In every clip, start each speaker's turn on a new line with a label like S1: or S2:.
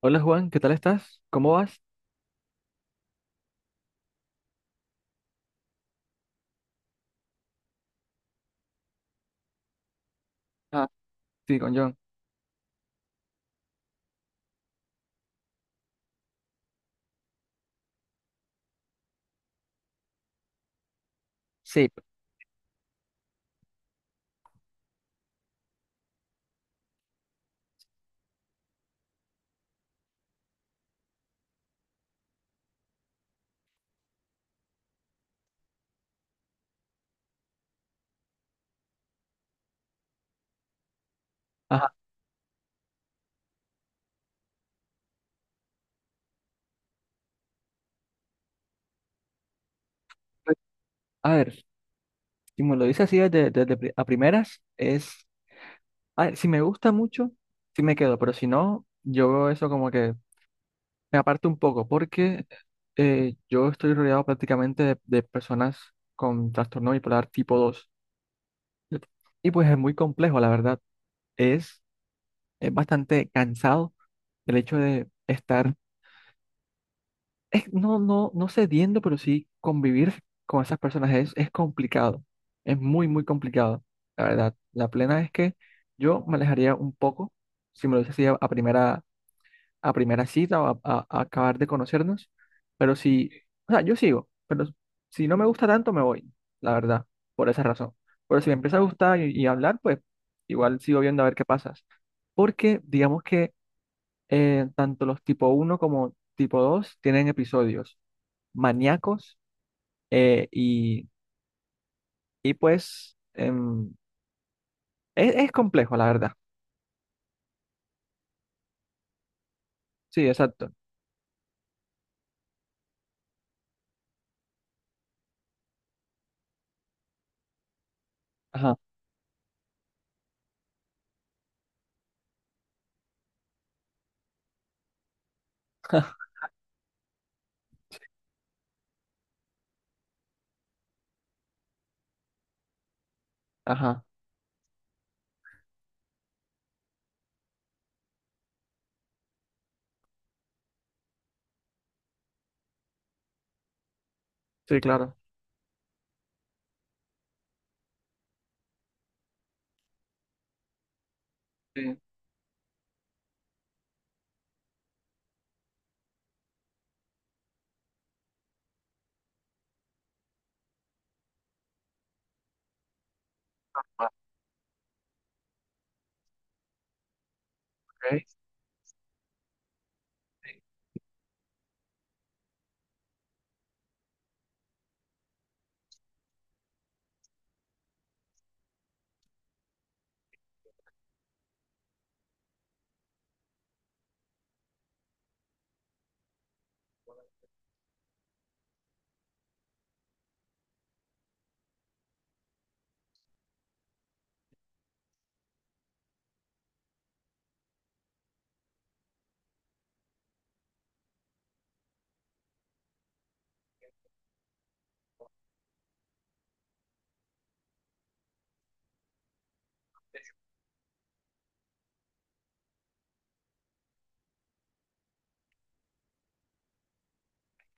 S1: Hola Juan, ¿qué tal estás? ¿Cómo vas? Ah, sí, con John. Sí. Ajá. pues, A ver, si me lo dices así a primeras, es, a ver, si me gusta mucho, sí me quedo, pero si no, yo veo eso como que me aparto un poco, porque yo estoy rodeado prácticamente de personas con trastorno bipolar tipo dos. Y pues es muy complejo, la verdad. Es, es bastante cansado el hecho de estar no cediendo, pero sí convivir con esas personas es complicado. Es muy, muy complicado. La verdad, la plena es que yo me alejaría un poco, si me lo dices así a primera cita o a acabar de conocernos, pero si, o sea, yo sigo, pero si no me gusta tanto, me voy, la verdad, por esa razón. Pero si me empieza a gustar y hablar, pues igual sigo viendo a ver qué pasa. Porque digamos que tanto los tipo uno como tipo 2 tienen episodios maníacos, eh, y, y pues es complejo, la verdad. Sí, exacto. Ajá. Ajá, sí, claro. Sí. Ah, ok.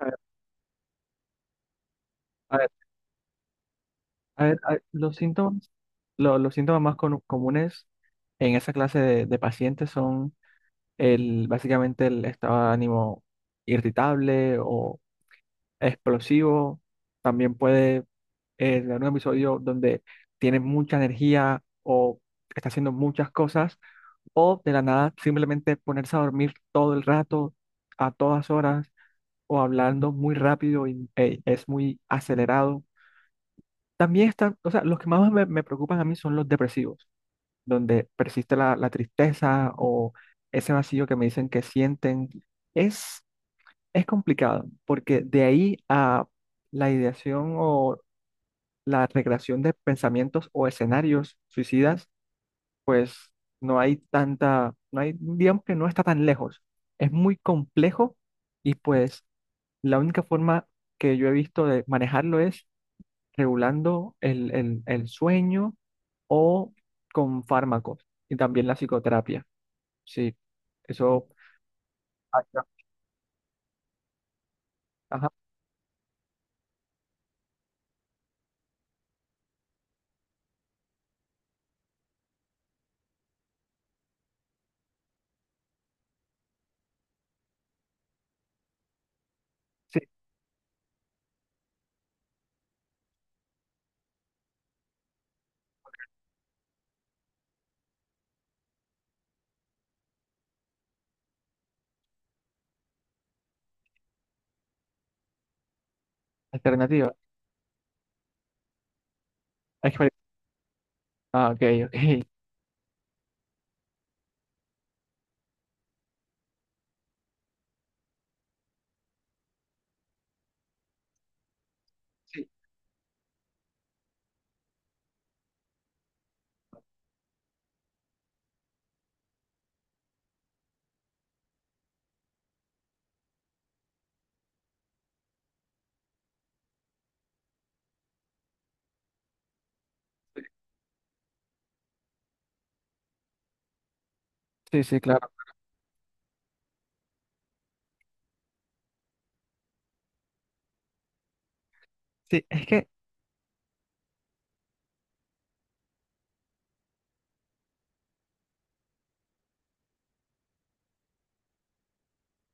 S1: A ver, a ver, a ver, a ver, los síntomas, los síntomas más comunes en esa clase de pacientes son el, básicamente el estado de ánimo irritable o explosivo. También puede, tener un episodio donde tiene mucha energía o está haciendo muchas cosas o de la nada simplemente ponerse a dormir todo el rato, a todas horas, o hablando muy rápido y, es muy acelerado. También están, o sea, los que más me preocupan a mí son los depresivos, donde persiste la tristeza o ese vacío que me dicen que sienten. Es, es complicado, porque de ahí a la ideación o la recreación de pensamientos o escenarios suicidas, pues no hay tanta, no hay, digamos que no está tan lejos. Es muy complejo, y pues la única forma que yo he visto de manejarlo es regulando el sueño o con fármacos y también la psicoterapia. Sí, eso. Ajá, ajá, sí, alternativa. Exper- Ah, ok, ok. Sí, sí, sí, claro. Sí, es que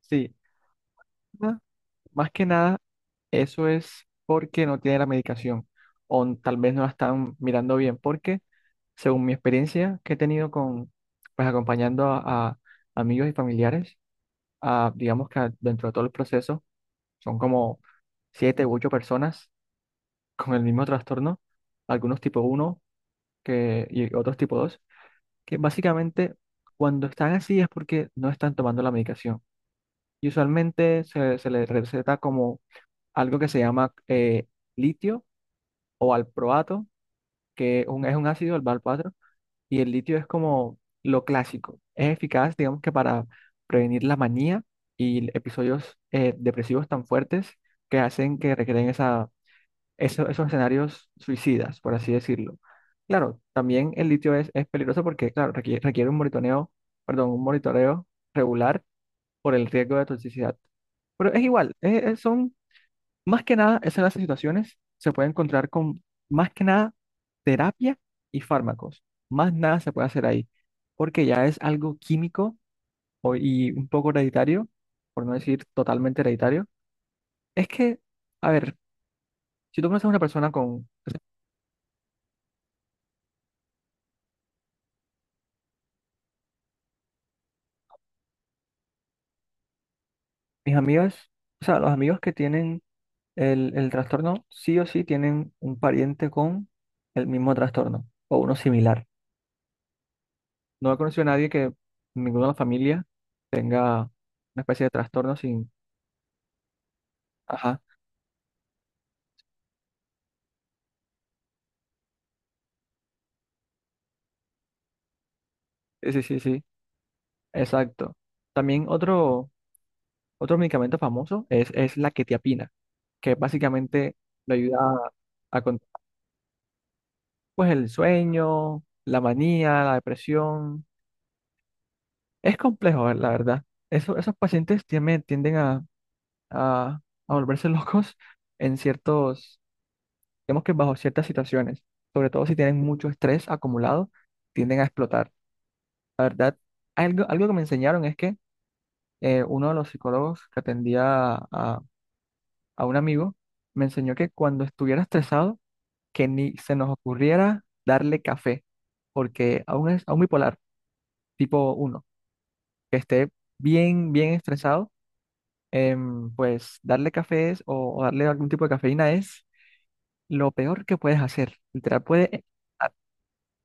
S1: sí, ma- más que nada. Eso es porque no tiene la medicación o tal vez no la están mirando bien, porque según mi experiencia que he tenido con, pues acompañando a amigos y familiares, a, digamos que dentro de todo el proceso son como siete u ocho personas con el mismo trastorno, algunos tipo uno que, y otros tipo 2 que básicamente cuando están así es porque no están tomando la medicación. Y usualmente se les receta como algo que se llama, litio o valproato, que es un ácido, el valproato, y el litio es como lo clásico. Es eficaz, digamos que para prevenir la manía y episodios, depresivos tan fuertes que hacen que requieren esa, esos escenarios suicidas, por así decirlo. Claro, también el litio es peligroso porque, claro, requiere un monitoreo, perdón, un monitoreo regular por el riesgo de toxicidad. Pero es igual, son más que nada, es en las situaciones se puede encontrar con, más que nada, terapia y fármacos. Más nada se puede hacer ahí, porque ya es algo químico y un poco hereditario, por no decir totalmente hereditario. Es que, a ver, si tú conoces a una persona con mis amigas, o sea, los amigos que tienen el trastorno, sí o sí tienen un pariente con el mismo trastorno o uno similar. No he conocido a nadie que en ninguna familia tenga una especie de trastorno sin. Ajá, sí, sí, sí, sí, exacto. También otro, otro medicamento famoso es la quetiapina, que básicamente le ayuda a controlar, pues, el sueño, la manía, la depresión. Es complejo, la verdad. Esos pacientes tienden a, a volverse locos en ciertos, digamos que bajo ciertas situaciones, sobre todo si tienen mucho estrés acumulado, tienden a explotar. La verdad, algo, algo que me enseñaron es que, uno de los psicólogos que atendía a un amigo me enseñó que cuando estuviera estresado, que ni se nos ocurriera darle café, porque a un, a un bipolar tipo uno que esté bien, bien estresado, pues darle café o darle algún tipo de cafeína es lo peor que puedes hacer. Literal, puede, a-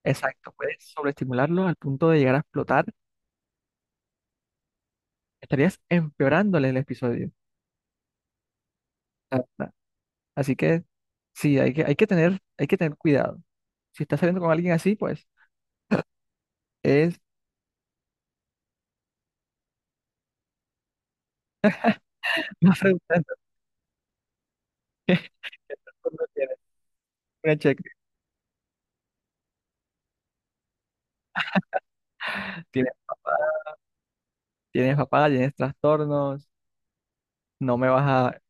S1: exacto, puedes sobreestimularlo al punto de llegar a explotar. Estarías empeorándole el episodio. Ah, ah, así que sí, hay que tener cuidado. Si estás saliendo con alguien así, pues es más preguntando. Cuando tienes una cheque, tienes papá, tienes papá, tienes trastornos, no me vas a dar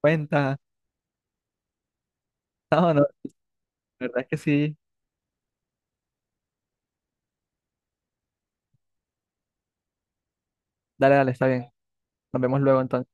S1: cuenta. No, no, la verdad es que sí. Dale, dale, está bien. Nos vemos luego entonces.